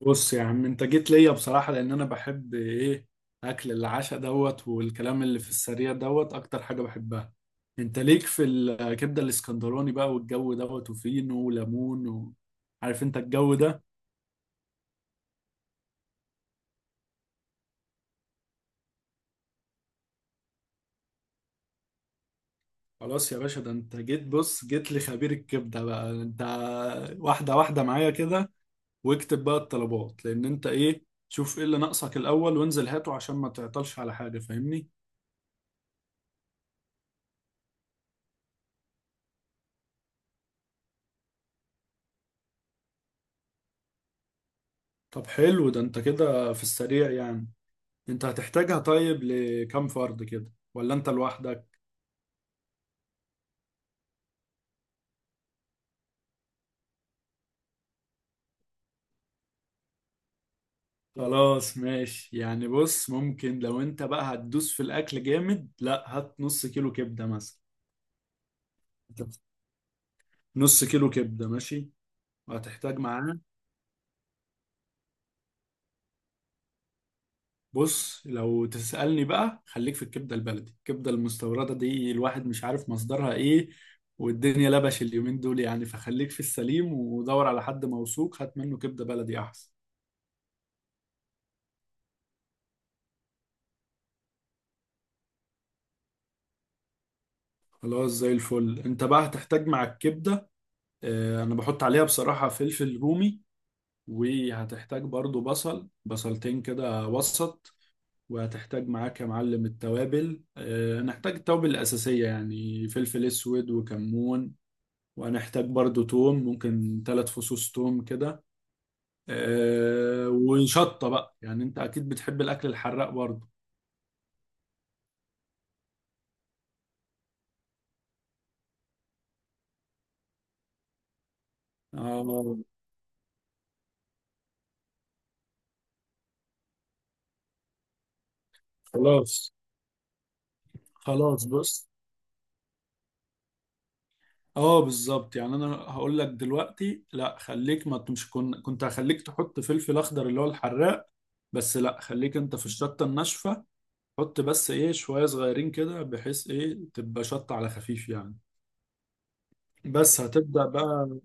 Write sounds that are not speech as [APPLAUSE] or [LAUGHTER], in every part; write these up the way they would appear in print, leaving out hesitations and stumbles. بص يا عم، انت جيت ليا بصراحة لان انا بحب ايه اكل العشاء دوت والكلام اللي في السريع دوت اكتر حاجة بحبها. انت ليك في الكبدة الاسكندراني بقى والجو دوت وفينو وليمون و عارف انت الجو ده. خلاص يا باشا، ده انت جيت، بص جيت لخبير الكبدة بقى انت. واحدة واحدة معايا كده، واكتب بقى الطلبات لان انت ايه، شوف ايه اللي ناقصك الاول وانزل هاته عشان ما تعطلش على حاجة، فاهمني؟ طب حلو، ده انت كده في السريع يعني. انت هتحتاجها طيب لكم فرد كده؟ ولا انت لوحدك؟ خلاص ماشي يعني، بص، ممكن لو انت بقى هتدوس في الاكل جامد، لا هات نص كيلو كبدة مثلا. نص كيلو كبدة ماشي، وهتحتاج معاه. بص لو تسألني بقى، خليك في الكبدة البلدي، الكبدة المستوردة دي الواحد مش عارف مصدرها ايه، والدنيا لبش اليومين دول يعني، فخليك في السليم ودور على حد موثوق هات منه كبدة بلدي احسن. خلاص، زي الفل. انت بقى هتحتاج مع الكبدة، انا بحط عليها بصراحة فلفل رومي، وهتحتاج برضو بصل، بصلتين كده وسط. وهتحتاج معاك يا معلم التوابل، هنحتاج التوابل الأساسية يعني فلفل أسود وكمون. وهنحتاج برضو توم، ممكن 3 فصوص توم كده. وشطة بقى، يعني أنت أكيد بتحب الأكل الحراق برضو. آه. خلاص. خلاص. بص، اه بالظبط. يعني انا هقول لك دلوقتي، لا خليك، ما مش كن... كنت هخليك تحط فلفل اخضر اللي هو الحراق، بس لا، خليك انت في الشطه الناشفه. حط بس ايه شويه صغيرين كده، بحيث ايه تبقى شطه على خفيف يعني. بس هتبدا بقى.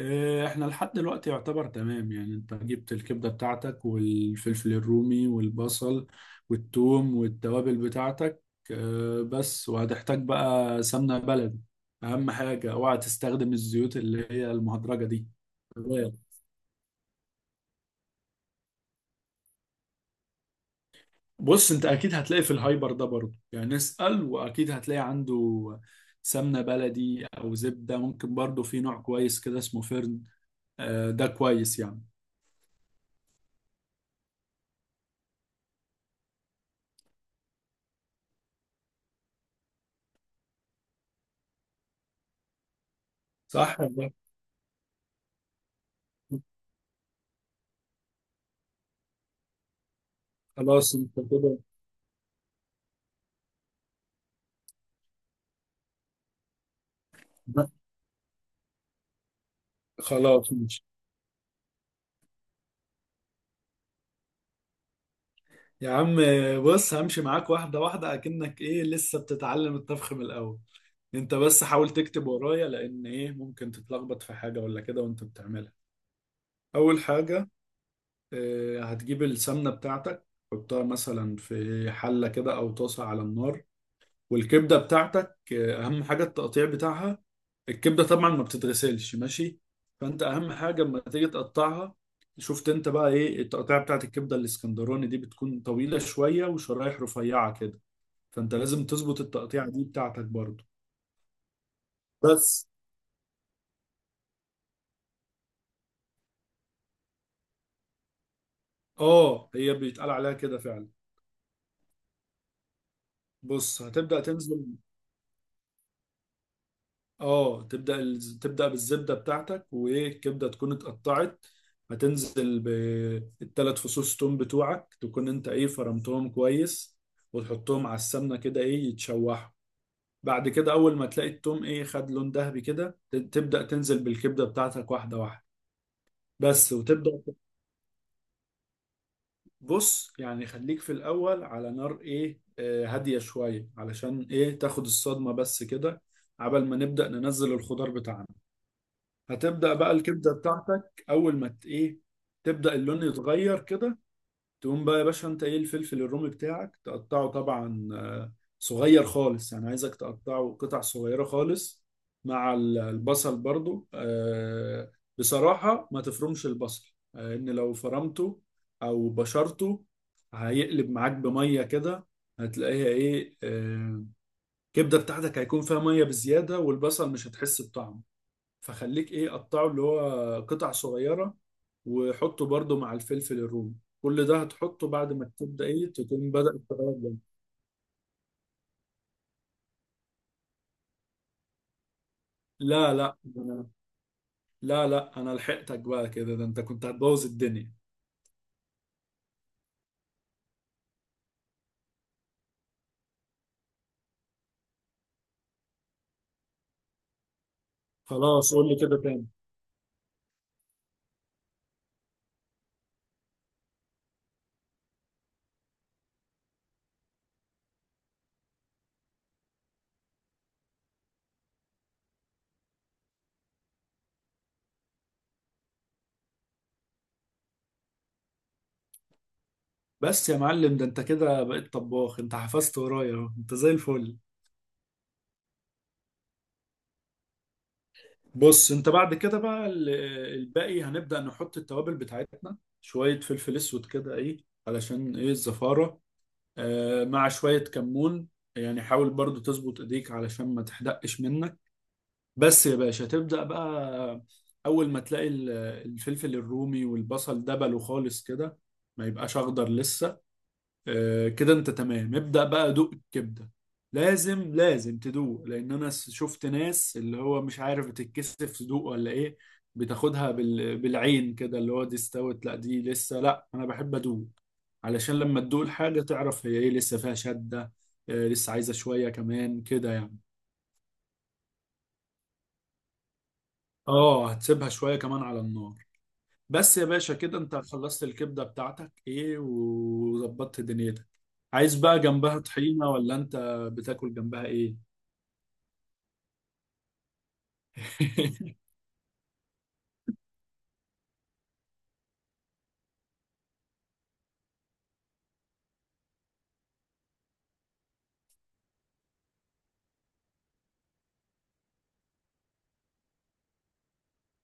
احنا لحد دلوقتي يعتبر تمام، يعني انت جبت الكبدة بتاعتك والفلفل الرومي والبصل والثوم والتوابل بتاعتك. بس وهتحتاج بقى سمنة بلدي، اهم حاجة اوعى تستخدم الزيوت اللي هي المهدرجة دي. تمام. بص انت اكيد هتلاقي في الهايبر ده برضه، يعني اسأل واكيد هتلاقي عنده سمنة بلدي او زبدة. ممكن برضه في نوع كويس كده اسمه فرن، ده كويس يعني. صح ولا؟ خلاص انت كده. خلاص ماشي. يا عم بص، همشي معاك واحدة واحدة أكنك إيه لسه بتتعلم الطبخ من الأول. أنت بس حاول تكتب ورايا، لأن إيه ممكن تتلخبط في حاجة ولا كده وأنت بتعملها. أول حاجة، هتجيب السمنة بتاعتك، حطها مثلا في حلة كده أو طاسة على النار. والكبده بتاعتك، اهم حاجه التقطيع بتاعها. الكبده طبعا ما بتتغسلش، ماشي؟ فانت اهم حاجه لما تيجي تقطعها، شفت انت بقى ايه التقطيع بتاعت الكبده الاسكندراني دي؟ بتكون طويله شويه وشرايح رفيعه كده، فانت لازم تظبط التقطيع دي بتاعتك برضو. بس. اه هي بيتقال عليها كده فعلا. بص هتبدا تنزل. اه تبدأ تبدأ بالزبدة بتاعتك، وايه الكبدة تكون اتقطعت. هتنزل بالثلاث فصوص توم بتوعك، تكون انت ايه فرمتهم كويس، وتحطهم على السمنة كده ايه يتشوحوا. بعد كده اول ما تلاقي التوم ايه خد لون ذهبي كده، تبدأ تنزل بالكبدة بتاعتك واحدة واحدة. بس، وتبدأ. بص يعني خليك في الاول على نار ايه، هادية شوية علشان ايه تاخد الصدمة بس كده، عبل ما نبدأ ننزل الخضار بتاعنا. هتبدأ بقى الكبدة بتاعتك أول ما إيه، تبدأ اللون يتغير كده. تقوم بقى يا باشا أنت إيه الفلفل الرومي بتاعك تقطعه، طبعا صغير خالص، يعني عايزك تقطعه قطع صغيرة خالص، مع البصل برضو. بصراحة ما تفرمش البصل، إن لو فرمته أو بشرته هيقلب معاك بمية كده. هتلاقيها إيه الكبدة بتاعتك هيكون فيها مية بزيادة، والبصل مش هتحس بطعمه، فخليك ايه قطعه اللي هو قطع صغيرة، وحطه برضو مع الفلفل الرومي. كل ده هتحطه بعد ما تبدأ ايه تكون بدأت تغير. لا لا أنا- لا لا انا لحقتك بقى كده، ده انت كنت هتبوظ الدنيا. خلاص قول لي كده تاني. بس يا معلم، ده انت كده بقيت طباخ، انت حفظت ورايا اهو، انت زي الفل. بص انت بعد كده بقى الباقي هنبدأ نحط التوابل بتاعتنا، شوية فلفل اسود كده ايه علشان ايه الزفارة، مع شوية كمون، يعني حاول برضو تظبط ايديك علشان ما تحدقش منك. بس يا باشا تبدأ بقى، اول ما تلاقي الفلفل الرومي والبصل دبلوا خالص كده، ما يبقاش اخضر لسه. كده انت تمام، ابدأ بقى دوق الكبدة. لازم لازم تدوق، لان انا شفت ناس اللي هو مش عارف بتتكسف تدوق ولا ايه، بتاخدها بالعين كده، اللي هو دي استوت لا دي لسه، لا انا بحب ادوق علشان لما تدوق الحاجة تعرف هي ايه لسه فيها شدة. لسه عايزة شوية كمان كده يعني. اه هتسيبها شوية كمان على النار. بس يا باشا كده انت خلصت الكبدة بتاعتك ايه وظبطت دنيتك. عايز بقى جنبها طحينة ولا انت بتاكل جنبها ايه؟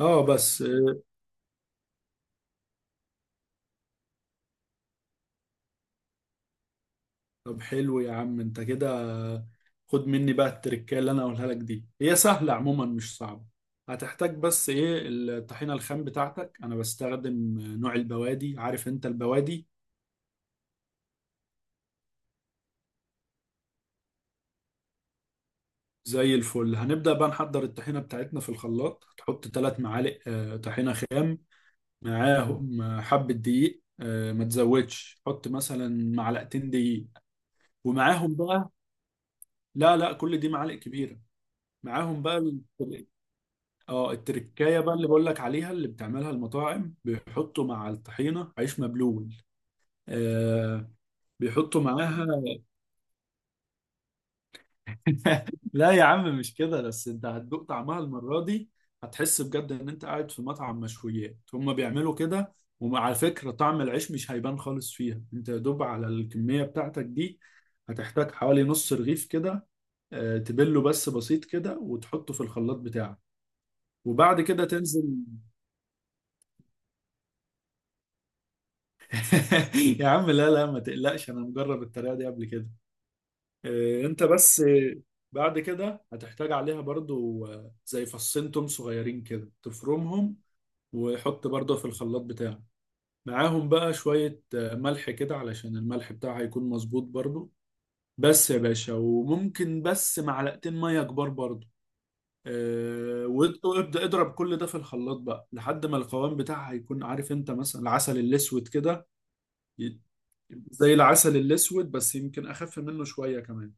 اه بس. طب حلو يا عم، انت كده خد مني بقى التركية اللي انا اقولها لك دي، هي سهلة عموما مش صعبة. هتحتاج بس ايه الطحينة الخام بتاعتك، انا بستخدم نوع البوادي، عارف انت البوادي؟ زي الفل. هنبدأ بقى نحضر الطحينة بتاعتنا في الخلاط، هتحط 3 معالق طحينة خام، معاهم حبة دقيق، ما تزودش، حط مثلا معلقتين دقيق، ومعاهم بقى. لا لا كل دي معالق كبيرة. معاهم بقى اه التركايه بقى اللي بقول لك عليها اللي بتعملها المطاعم، بيحطوا مع الطحينه عيش مبلول. آه. بيحطوا معاها. [LAUGHS] لا يا عم مش كده، بس انت هتدوق طعمها المره دي، هتحس بجد ان انت قاعد في مطعم مشويات، هما بيعملوا كده. وعلى فكره طعم العيش مش هيبان خالص فيها، انت يا دوب على الكميه بتاعتك دي هتحتاج حوالي نص رغيف كده، تبله بس بسيط كده وتحطه في الخلاط بتاعك، وبعد كده تنزل. [LAUGHS] يا عم لا لا ما تقلقش، انا مجرب الطريقه دي قبل كده. انت بس. بعد كده هتحتاج عليها برضو زي فصين توم صغيرين كده تفرمهم، وحط برضو في الخلاط بتاعك، معاهم بقى شويه ملح كده، علشان الملح بتاعها هيكون مظبوط برضو. بس يا باشا، وممكن بس معلقتين ميه كبار برضو، وابدا اضرب كل ده في الخلاط بقى لحد ما القوام بتاعها هيكون، عارف انت مثلا العسل الاسود كده؟ زي العسل الأسود، بس يمكن أخف منه شوية كمان.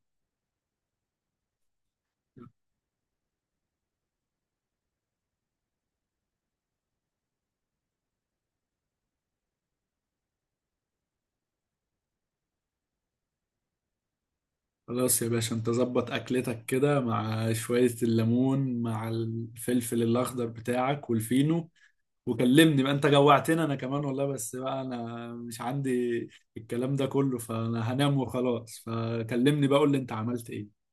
خلاص يا باشا أنت ظبط أكلتك كده مع شوية الليمون مع الفلفل الأخضر بتاعك والفينو، وكلمني بقى، أنت جوعتني أنا كمان والله، بس بقى أنا مش عندي الكلام ده كله، فأنا هنام وخلاص، فكلمني بقى قول لي أنت عملت إيه.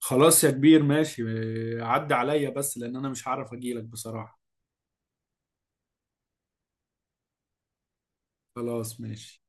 خلاص يا كبير ماشي، عدى عليا بس لأن أنا مش هعرف أجيلك بصراحة. خلاص ماشي.